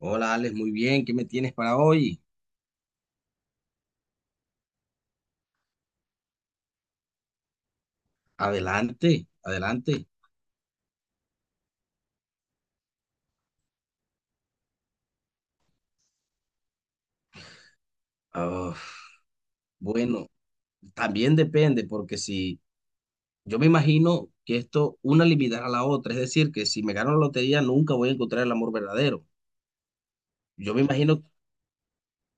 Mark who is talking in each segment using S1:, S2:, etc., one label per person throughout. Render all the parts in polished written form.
S1: Hola, Alex, muy bien. ¿Qué me tienes para hoy? Adelante, adelante. Ah, bueno, también depende, porque si yo me imagino que esto una limitará a la otra, es decir, que si me gano la lotería nunca voy a encontrar el amor verdadero. Yo me imagino,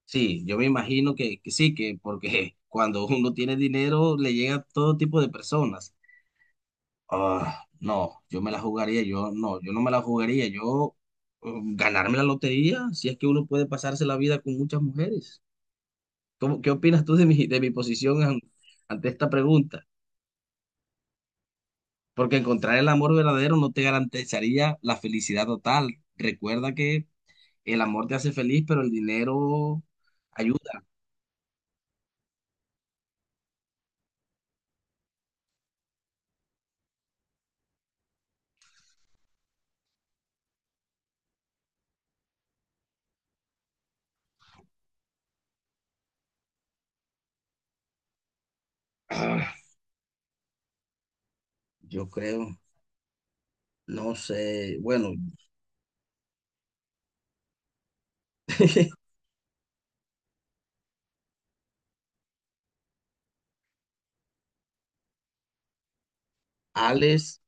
S1: sí, yo me imagino que sí, que porque cuando uno tiene dinero le llega a todo tipo de personas. Ah, no, yo me la jugaría, yo no me la jugaría, yo eh, ganarme la lotería, si es que uno puede pasarse la vida con muchas mujeres. ¿Qué opinas tú de mi posición ante esta pregunta? Porque encontrar el amor verdadero no te garantizaría la felicidad total. Recuerda que el amor te hace feliz, pero el dinero ayuda. Ah, yo creo, no sé, bueno. Alex.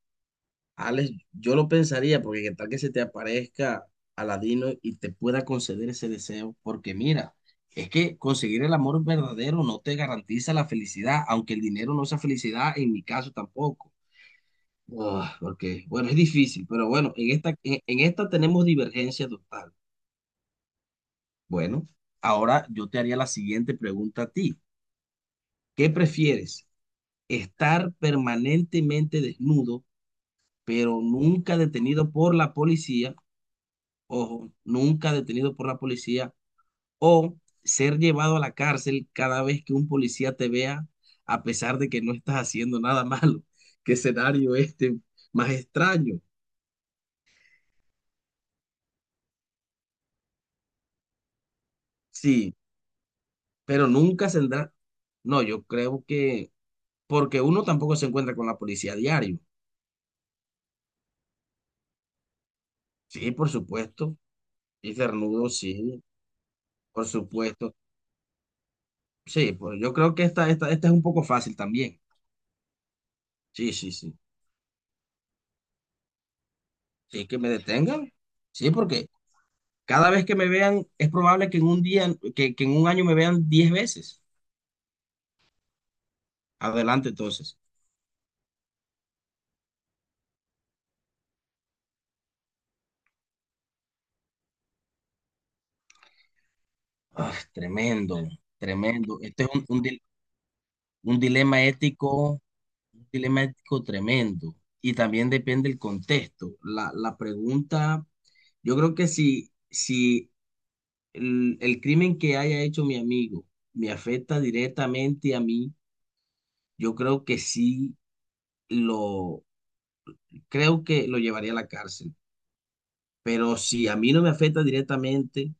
S1: Alex, yo lo pensaría, porque qué tal que se te aparezca Aladino y te pueda conceder ese deseo, porque mira, es que conseguir el amor verdadero no te garantiza la felicidad, aunque el dinero no sea felicidad, en mi caso tampoco. Ah, porque, bueno, es difícil, pero bueno, en esta tenemos divergencia total. Bueno, ahora yo te haría la siguiente pregunta a ti. ¿Qué prefieres? ¿Estar permanentemente desnudo, pero nunca detenido por la policía, ojo, nunca detenido por la policía, o ser llevado a la cárcel cada vez que un policía te vea, a pesar de que no estás haciendo nada malo? ¡Qué escenario este más extraño! Sí, pero nunca saldrá. No, yo creo que, porque uno tampoco se encuentra con la policía a diario. Sí, por supuesto. Y cernudo, sí, por supuesto. Sí, pues yo creo que esta es un poco fácil también. Sí, sí, sí. Sí, que me detengan. Sí, porque cada vez que me vean, es probable que en un día, que en un año me vean 10 veces. Adelante, entonces. Ah, tremendo, tremendo. Este es un dilema ético, un dilema ético tremendo. Y también depende del contexto. La pregunta, yo creo que si el crimen que haya hecho mi amigo me afecta directamente a mí, yo creo que sí lo, creo que lo llevaría a la cárcel. Pero si a mí no me afecta directamente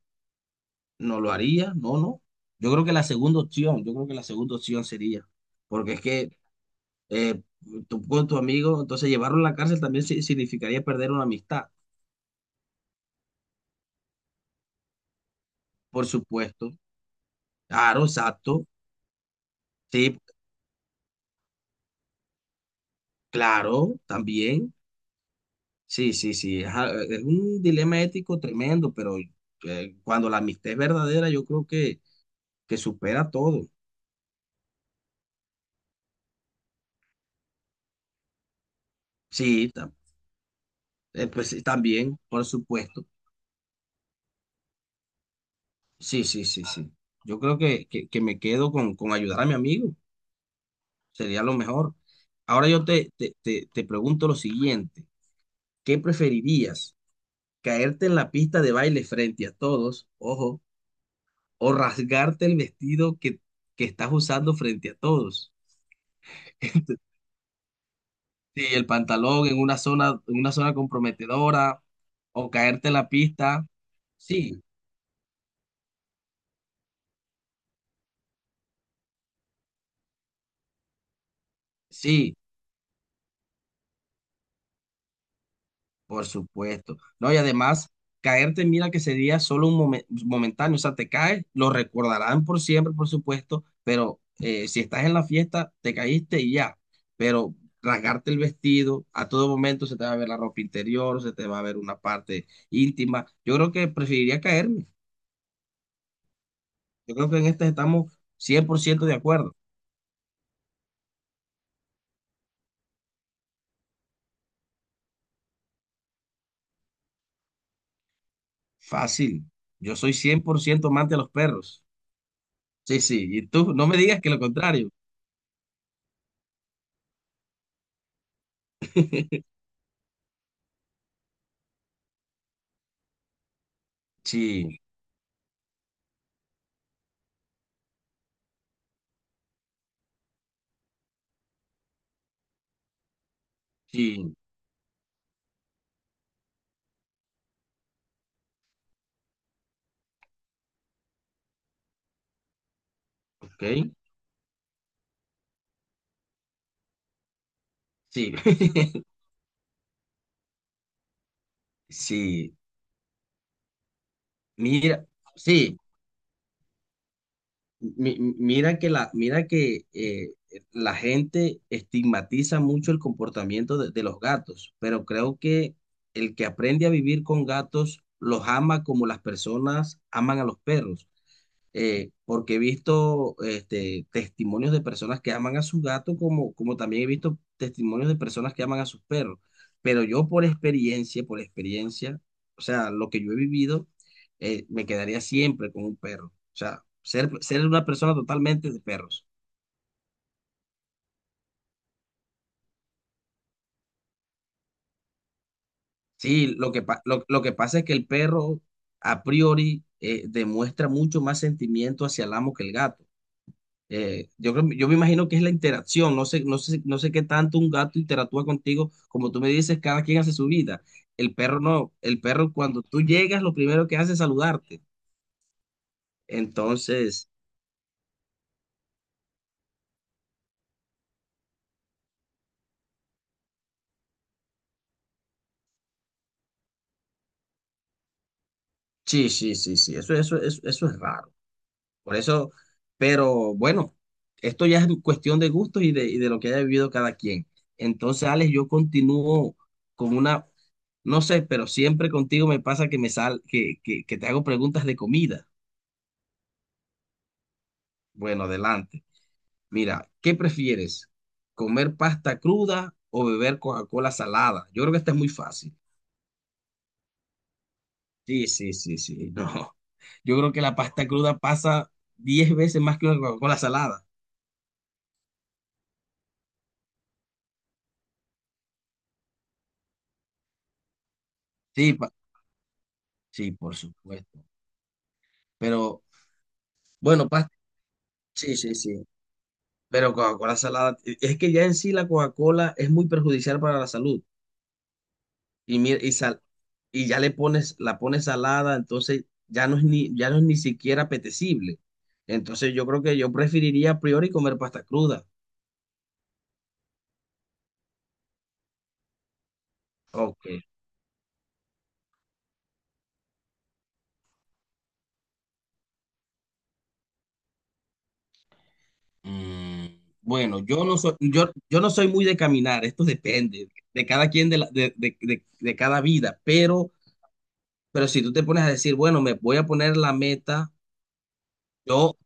S1: no lo haría, no, no. Yo creo que la segunda opción, yo creo que la segunda opción sería, porque es que eh, tú con tu amigo, entonces llevarlo a la cárcel también significaría perder una amistad, por supuesto. Claro, exacto. Sí, claro, también. Sí, sí, sí. Es un dilema ético tremendo, pero cuando la amistad es verdadera, yo creo que, supera todo. Sí, pues, sí, también, por supuesto. Sí, sí, sí, sí. Yo creo que, me quedo con ayudar a mi amigo. Sería lo mejor. Ahora yo te pregunto lo siguiente. ¿Qué preferirías? ¿Caerte en la pista de baile frente a todos, ojo, o rasgarte el vestido que estás usando frente a todos? Sí, el pantalón en una zona comprometedora, o caerte en la pista. Sí, sí. Por supuesto. No, y además, caerte, mira que sería solo un momentáneo, o sea, te caes, lo recordarán por siempre, por supuesto, pero si estás en la fiesta, te caíste y ya. Pero rasgarte el vestido, a todo momento se te va a ver la ropa interior, se te va a ver una parte íntima. Yo creo que preferiría caerme. Yo creo que en este estamos 100% de acuerdo. Fácil. Yo soy 100% amante de los perros. Sí, sí. Y tú, no me digas que lo contrario. Sí, sí. Ok. Sí, sí, mira, sí, mi- mi- mira que la gente estigmatiza mucho el comportamiento de los gatos, pero creo que el que aprende a vivir con gatos los ama como las personas aman a los perros. Porque he visto testimonios de personas que aman a su gato, como también he visto testimonios de personas que aman a sus perros. Pero yo por experiencia, o sea, lo que yo he vivido, me quedaría siempre con un perro. O sea, ser una persona totalmente de perros. Sí, lo que pasa es que el perro a priori demuestra mucho más sentimiento hacia el amo que el gato. Yo creo, yo me imagino que es la interacción, no sé qué tanto un gato interactúa contigo, como tú me dices, cada quien hace su vida. El perro no, el perro cuando tú llegas, lo primero que hace es saludarte. Entonces, sí, sí, sí, sí, eso es raro. Por eso, pero bueno, esto ya es cuestión de gustos y y de lo que haya vivido cada quien. Entonces, Alex, yo continúo con una, no sé, pero siempre contigo me pasa que que te hago preguntas de comida. Bueno, adelante. Mira, ¿qué prefieres? ¿Comer pasta cruda o beber Coca-Cola salada? Yo creo que esta es muy fácil. Sí, sí, sí, sí, no. Yo creo que la pasta cruda pasa 10 veces más que una Coca-Cola salada. Sí, pa- sí, por supuesto. Pero bueno, pasta, sí, sí, sí. Pero Coca-Cola salada, es que ya en sí la Coca-Cola es muy perjudicial para la salud. y, mira y, sal- y ya le pones, la pones salada, entonces ya no es ni siquiera apetecible. Entonces yo creo que yo preferiría a priori comer pasta cruda. Ok. Mm, bueno, yo no soy muy de caminar, esto depende de cada quien de, la- de cada vida, pero, si tú te pones a decir, bueno, me voy a poner la meta. Yo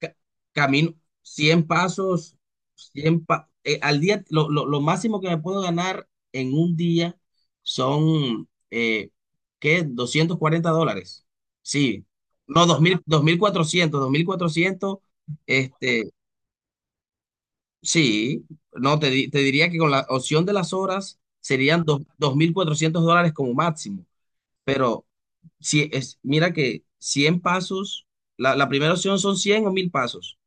S1: ca- camino 100 pasos, al día, lo máximo que me puedo ganar en un día son, ¿qué? $240. Sí, no, dos mil cuatrocientos este, sí, no, te diría que con la opción de las horas serían $2400 como máximo, pero si es, mira que 100 pasos, la primera opción son 100 o 1000 pasos.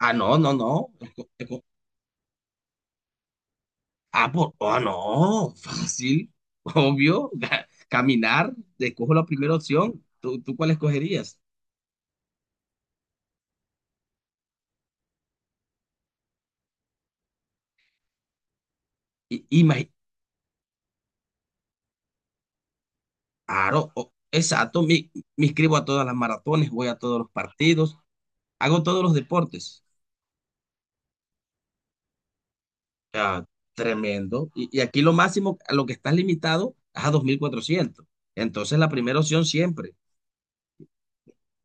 S1: Ah, no, no, no. Ah, no. Fácil, obvio. Caminar, escojo la primera opción. ¿Tú cuál escogerías? Y, claro, exacto. Me inscribo a todas las maratones, voy a todos los partidos, hago todos los deportes. Ah, tremendo. Y aquí lo máximo a lo que estás limitado es a 2400. Entonces, la primera opción siempre.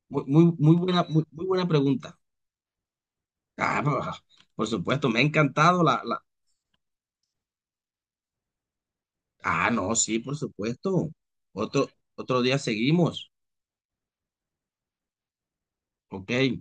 S1: Muy, muy, muy buena pregunta. Ah, por supuesto, me ha encantado la Ah, no, sí, por supuesto. Otro, otro día seguimos. Ok.